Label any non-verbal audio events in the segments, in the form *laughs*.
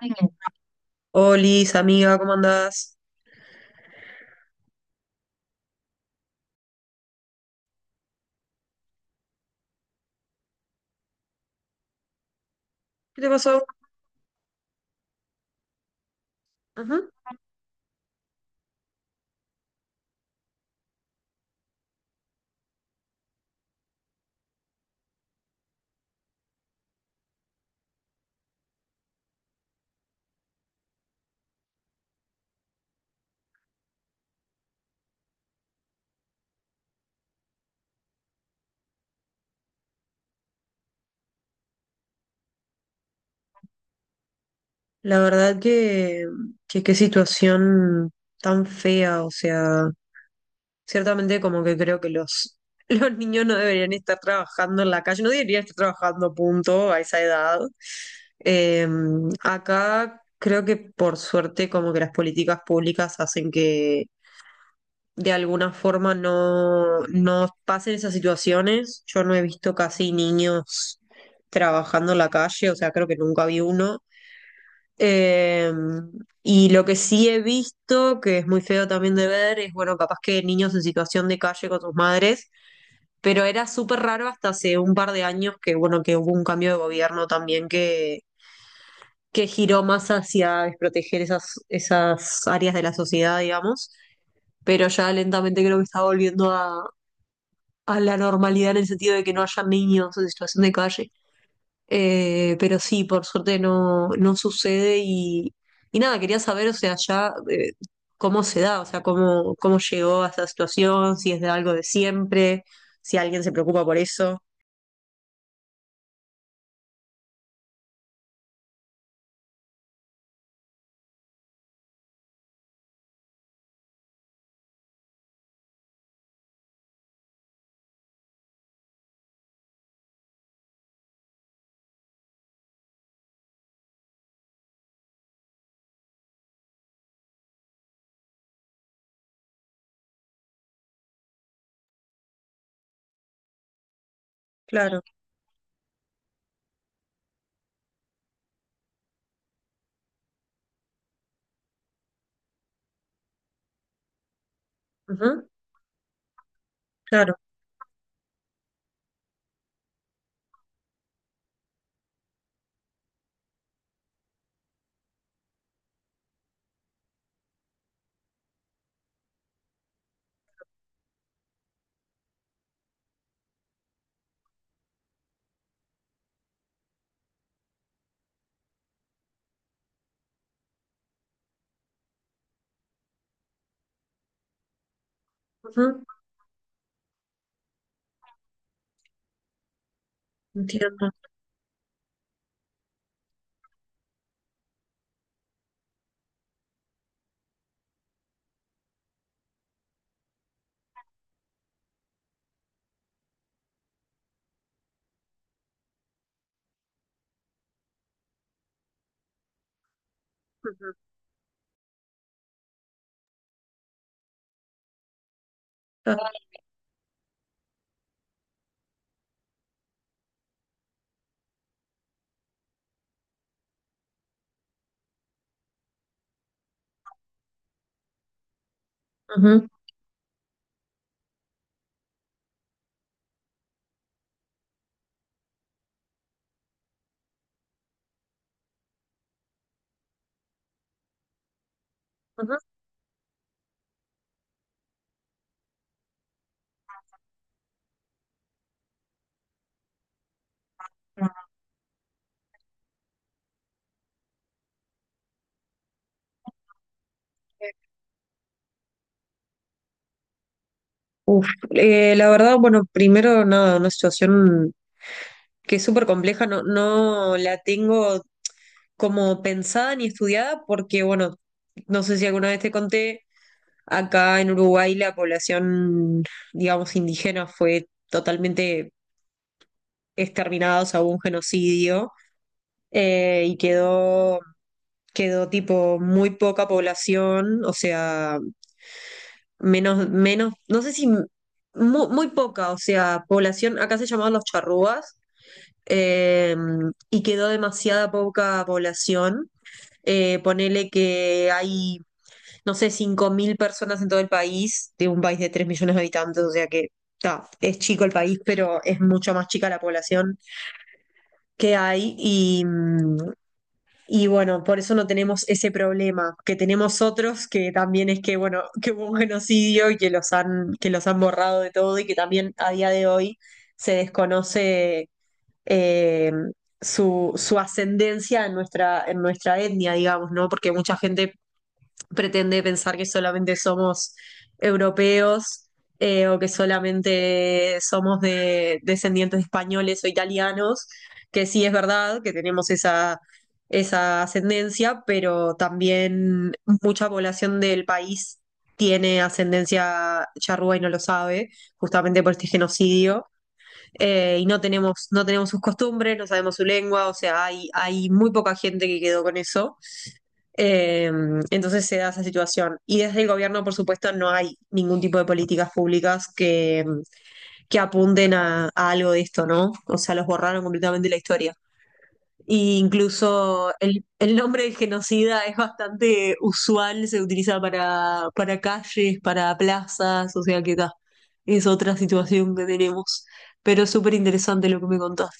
Bien. Olis, amiga, ¿cómo andás? ¿Qué te pasó? Ajá. La verdad que qué situación tan fea, o sea, ciertamente como que creo que *laughs* los niños no deberían estar trabajando en la calle, no deberían estar trabajando, punto, a esa edad. Eh, Acá creo que por suerte como que las políticas públicas hacen que de alguna forma no pasen esas situaciones. Yo no he visto casi niños trabajando en la calle, o sea, creo que nunca vi uno. Eh, y lo que sí he visto, que es muy feo también de ver, es, bueno, capaz que niños en situación de calle con sus madres, pero era súper raro hasta hace un par de años bueno, que hubo un cambio de gobierno también que giró más hacia desproteger esas áreas de la sociedad, digamos, pero ya lentamente creo que está volviendo a la normalidad en el sentido de que no haya niños en situación de calle. Pero sí, por suerte no sucede y nada, quería saber, o sea, ya cómo se da, o sea, cómo llegó a esta situación, si es de algo de siempre, si alguien se preocupa por eso. Claro, ujú, claro, ujú, entiendo. Ujú, claro, ujú, ujú. Uf, la verdad, bueno, primero nada, una situación que es súper compleja, no la tengo como pensada ni estudiada porque, bueno, no sé si alguna vez te conté, acá en Uruguay la población, digamos, indígena fue totalmente exterminada, o sea, hubo un genocidio eh, y quedó, quedó tipo muy poca población, o sea, no sé si muy poca, o sea, población, acá se llamaban los charrúas. eh, y quedó demasiada poca población ponele que hay, no sé, 5.000 personas en todo el país, de un país de 3.000.000 de habitantes, o sea que ta, es chico el país, pero es mucho más chica la población que hay y bueno, por eso no tenemos ese problema que tenemos otros, que también es que, bueno, *laughs* que hubo un genocidio y que los han borrado de todo y que también a día de hoy se desconoce. eh, su ascendencia en en nuestra etnia, digamos, ¿no? Porque mucha gente pretende pensar que solamente somos europeos, o que solamente somos de descendientes de españoles o italianos, que sí es verdad que tenemos esa ascendencia, pero también mucha población del país tiene ascendencia charrúa y no lo sabe, justamente por este genocidio. No tenemos sus costumbres, no sabemos su lengua, o sea, hay muy poca gente que quedó con eso. Eh, entonces se da esa situación. Y desde el gobierno, por supuesto, no hay ningún tipo de políticas públicas que apunten a algo de esto, ¿no? O sea, los borraron completamente de la historia. E incluso el nombre del genocida es bastante usual, se utiliza para calles, para plazas, o sea que ta, es otra situación que tenemos. Pero es súper interesante lo que me contás.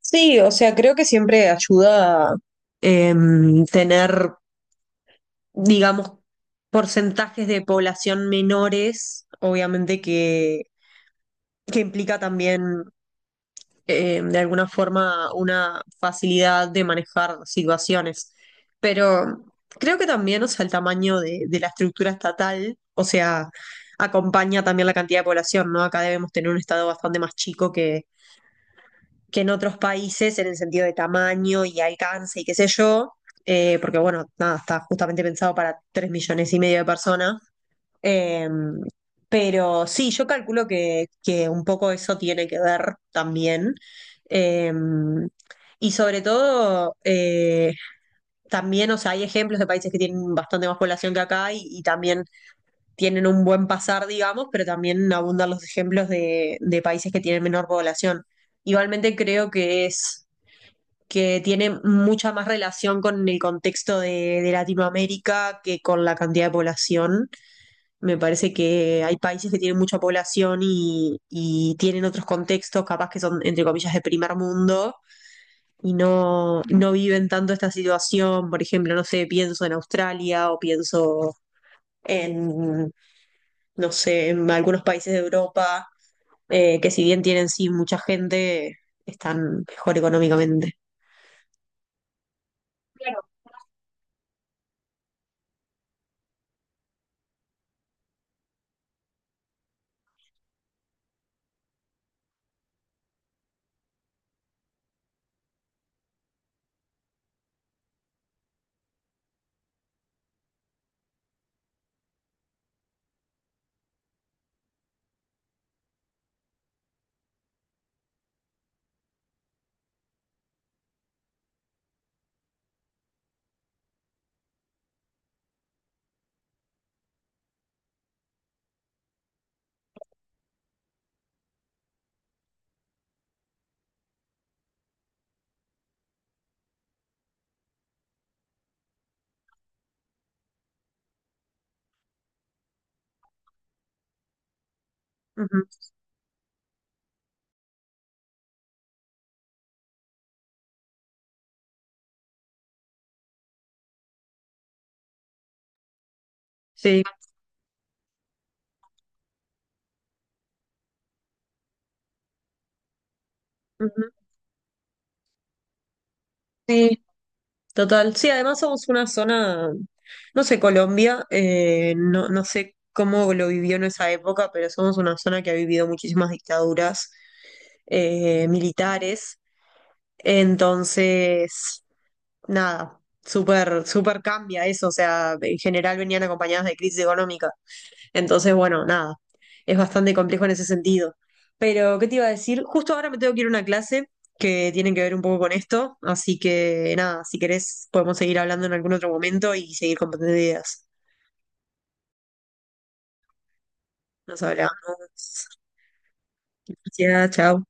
Sí, o sea, creo que siempre ayuda, tener, digamos, porcentajes de población menores, obviamente que implica también, de alguna forma, una facilidad de manejar situaciones. Pero creo que también, o sea, el tamaño de la estructura estatal, o sea, acompaña también la cantidad de población, ¿no? Acá debemos tener un estado bastante más chico que en otros países en el sentido de tamaño y alcance y qué sé yo, porque bueno, nada, está justamente pensado para 3.500.000 de personas. Eh, pero sí, yo calculo que un poco eso tiene que ver también. Eh, y sobre todo, también, o sea, hay ejemplos de países que tienen bastante más población que acá y también tienen un buen pasar, digamos, pero también abundan los ejemplos de países que tienen menor población. Igualmente creo que es que tiene mucha más relación con el contexto de Latinoamérica que con la cantidad de población. Me parece que hay países que tienen mucha población y tienen otros contextos, capaz que son, entre comillas, de primer mundo y no viven tanto esta situación. Por ejemplo, no sé, pienso en Australia o pienso en, no sé, en algunos países de Europa, que si bien tienen sí mucha gente, están mejor económicamente. Ujú. Sí. Ujú. Sí, total, sí, además somos una zona, no sé, Colombia, no sé cómo lo vivió en esa época, pero somos una zona que ha vivido muchísimas dictaduras militares, entonces, nada, súper, súper cambia eso, o sea, en general venían acompañadas de crisis económica. Entonces, bueno, nada, es bastante complejo en ese sentido. Pero ¿qué te iba a decir? Justo ahora me tengo que ir a una clase que tiene que ver un poco con esto, así que nada, si querés podemos seguir hablando en algún otro momento y seguir compartiendo ideas. Nos hablamos. Gracias, chao.